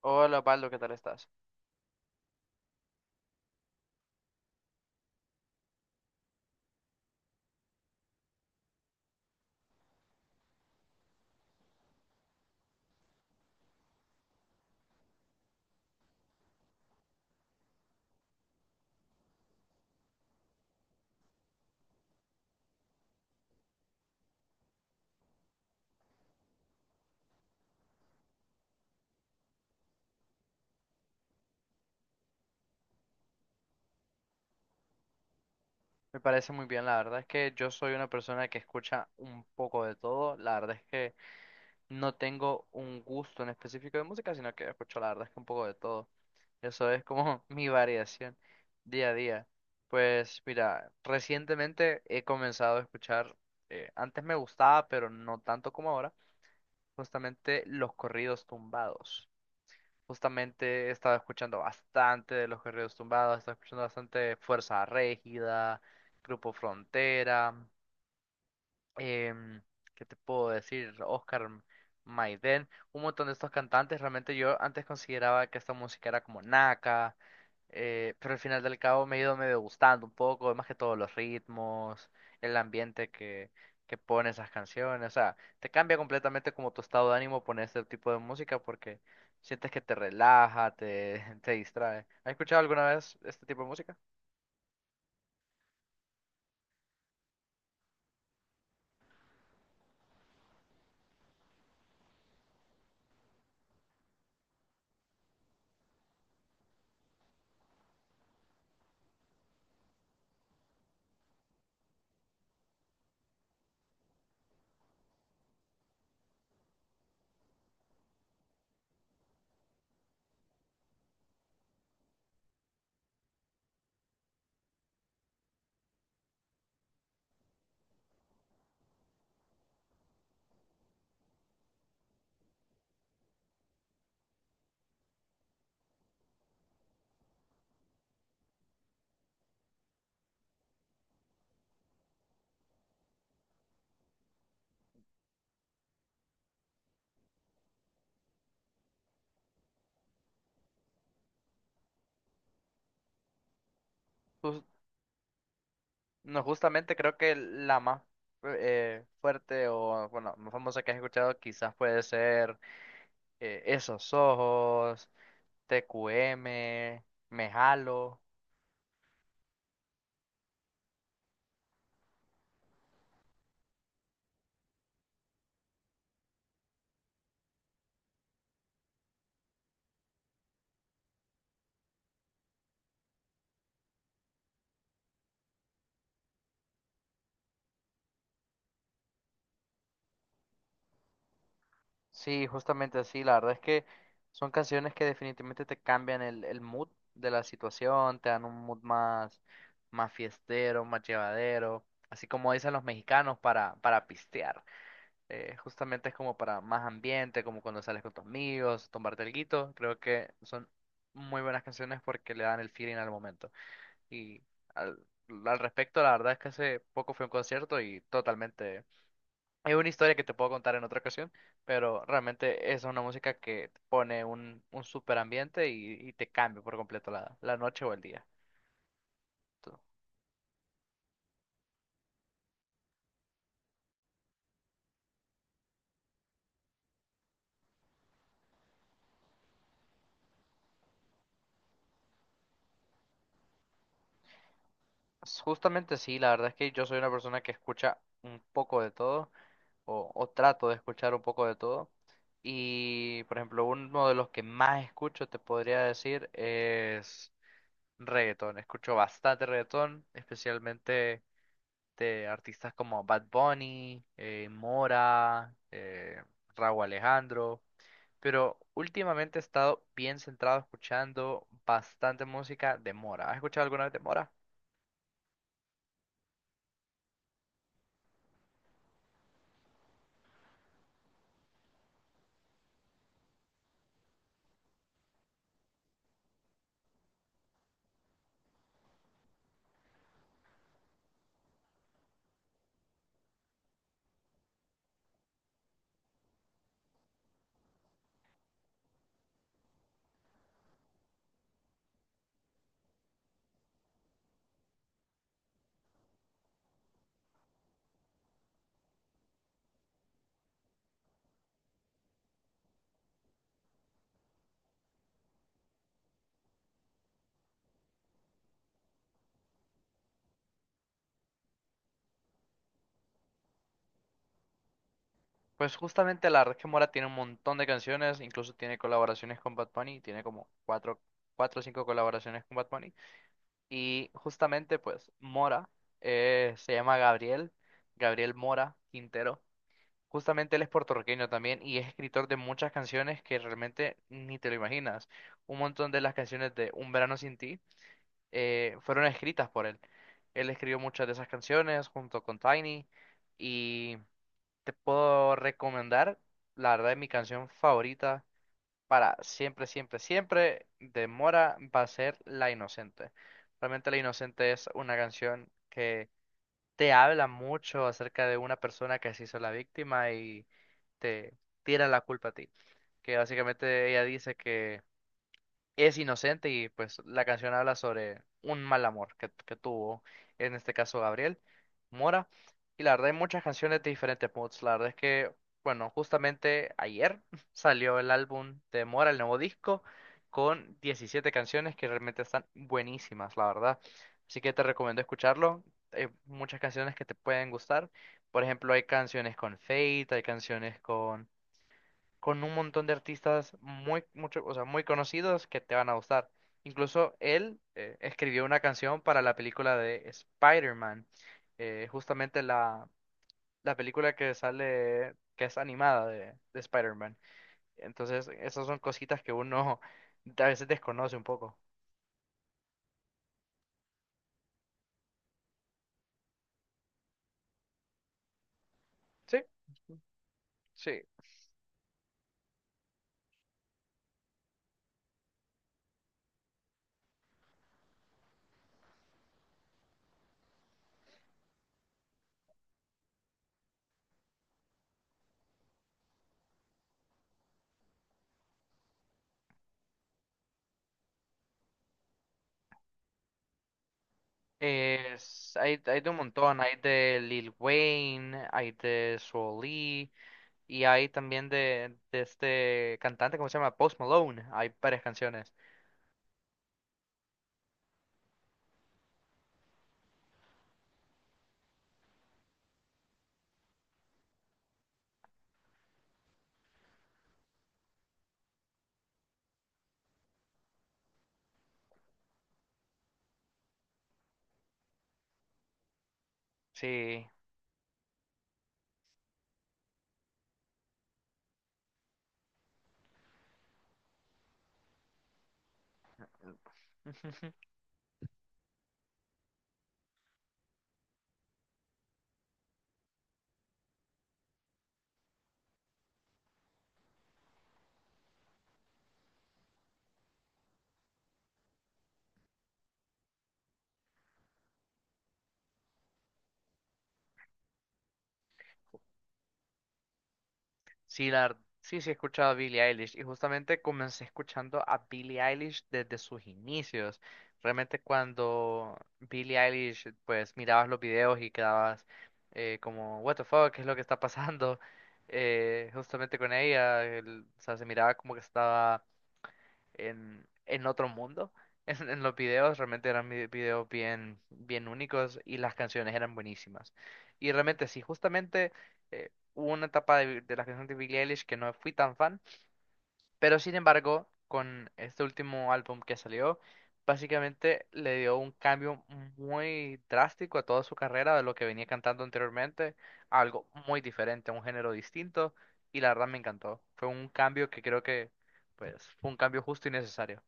Hola, Pablo, ¿qué tal estás? Me parece muy bien, la verdad es que yo soy una persona que escucha un poco de todo, la verdad es que no tengo un gusto en específico de música, sino que escucho la verdad es que un poco de todo. Eso es como mi variación día a día. Pues mira, recientemente he comenzado a escuchar, antes me gustaba, pero no tanto como ahora, justamente los corridos tumbados. Justamente he estado escuchando bastante de los Guerreros Tumbados, he estado escuchando bastante Fuerza Régida, Grupo Frontera, em, ¿qué te puedo decir? Oscar Maiden, un montón de estos cantantes. Realmente yo antes consideraba que esta música era como naca, pero al final del cabo me ha ido medio gustando un poco, más que todo los ritmos, el ambiente que pone esas canciones. O sea, te cambia completamente como tu estado de ánimo poner este tipo de música porque sientes que te relaja, te distrae. ¿Has escuchado alguna vez este tipo de música? ¿Tú, No, justamente creo que la más fuerte o, bueno, más famosa que has escuchado quizás puede ser, Esos Ojos, TQM, Me Jalo. Sí, justamente así. La verdad es que son canciones que definitivamente te cambian el mood de la situación, te dan un mood más, más fiestero, más llevadero, así como dicen los mexicanos para pistear. Justamente es como para más ambiente, como cuando sales con tus amigos, tomarte alguito. Creo que son muy buenas canciones porque le dan el feeling al momento. Y al, al respecto, la verdad es que hace poco fui a un concierto y totalmente... Es una historia que te puedo contar en otra ocasión, pero realmente es una música que te pone un súper ambiente y te cambia por completo la noche o el día. Tú- Justamente sí, la verdad es que yo soy una persona que escucha un poco de todo. O o trato de escuchar un poco de todo. Y, por ejemplo, uno de los que más escucho, te podría decir, es reggaetón. Escucho bastante reggaetón, especialmente de artistas como Bad Bunny, Mora, Rauw Alejandro. Pero últimamente he estado bien centrado escuchando bastante música de Mora. ¿Has escuchado alguna vez de Mora? Pues justamente la verdad que Mora tiene un montón de canciones, incluso tiene colaboraciones con Bad Bunny, tiene como cuatro, cuatro o cinco colaboraciones con Bad Bunny. Y justamente pues Mora, se llama Gabriel, Gabriel Mora Quintero. Justamente él es puertorriqueño también y es escritor de muchas canciones que realmente ni te lo imaginas. Un montón de las canciones de Un verano sin ti fueron escritas por él. Él escribió muchas de esas canciones junto con Tiny y... Te puedo recomendar, la verdad, mi canción favorita para siempre, siempre, siempre de Mora va a ser La Inocente. Realmente La Inocente es una canción que te habla mucho acerca de una persona que se hizo la víctima y te tira la culpa a ti. Que básicamente ella dice que es inocente y pues la canción habla sobre un mal amor que tuvo, en este caso Gabriel Mora. Y la verdad hay muchas canciones de diferentes moods. La verdad es que, bueno, justamente ayer salió el álbum de Mora, el nuevo disco, con 17 canciones que realmente están buenísimas, la verdad. Así que te recomiendo escucharlo. Hay muchas canciones que te pueden gustar. Por ejemplo, hay canciones con Fate, hay canciones con un montón de artistas muy, mucho, o sea, muy conocidos que te van a gustar. Incluso él escribió una canción para la película de Spider-Man, justamente la película que sale, que es animada de Spider-Man. Entonces, esas son cositas que uno a veces desconoce un poco. Sí, sí. Hay, hay de un montón, hay de Lil Wayne, hay de Swae Lee, y hay también de este cantante, ¿cómo se llama? Post Malone. Hay varias canciones. Sí. Sí, la, ver- sí, sí, he escuchado a Billie Eilish. Y justamente comencé escuchando a Billie Eilish desde sus inicios. Realmente cuando Billie Eilish, pues mirabas los videos y quedabas, como, what the fuck, ¿qué es lo que está pasando? Justamente con ella, o sea, se miraba como que estaba en otro mundo. En los videos realmente eran videos bien, bien únicos y las canciones eran buenísimas. Y realmente sí, justamente, hubo una etapa de las canciones de Billie Eilish que no fui tan fan, pero sin embargo, con este último álbum que salió, básicamente le dio un cambio muy drástico a toda su carrera de lo que venía cantando anteriormente, a algo muy diferente, a un género distinto, y la verdad me encantó. Fue un cambio que creo que, pues, fue un cambio justo y necesario.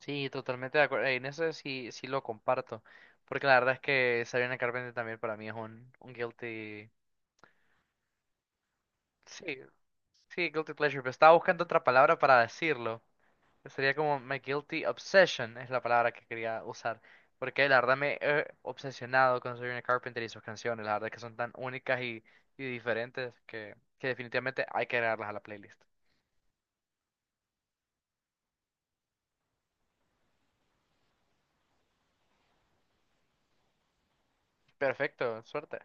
Sí, totalmente de acuerdo. En eso sí, sí lo comparto. Porque la verdad es que Sabrina Carpenter también para mí es un guilty. Sí, sí, guilty pleasure. Pero estaba buscando otra palabra para decirlo. Que sería como my guilty obsession, es la palabra que quería usar. Porque la verdad me he obsesionado con Sabrina Carpenter y sus canciones. La verdad es que son tan únicas y diferentes que definitivamente hay que agregarlas a la playlist. Perfecto, suerte.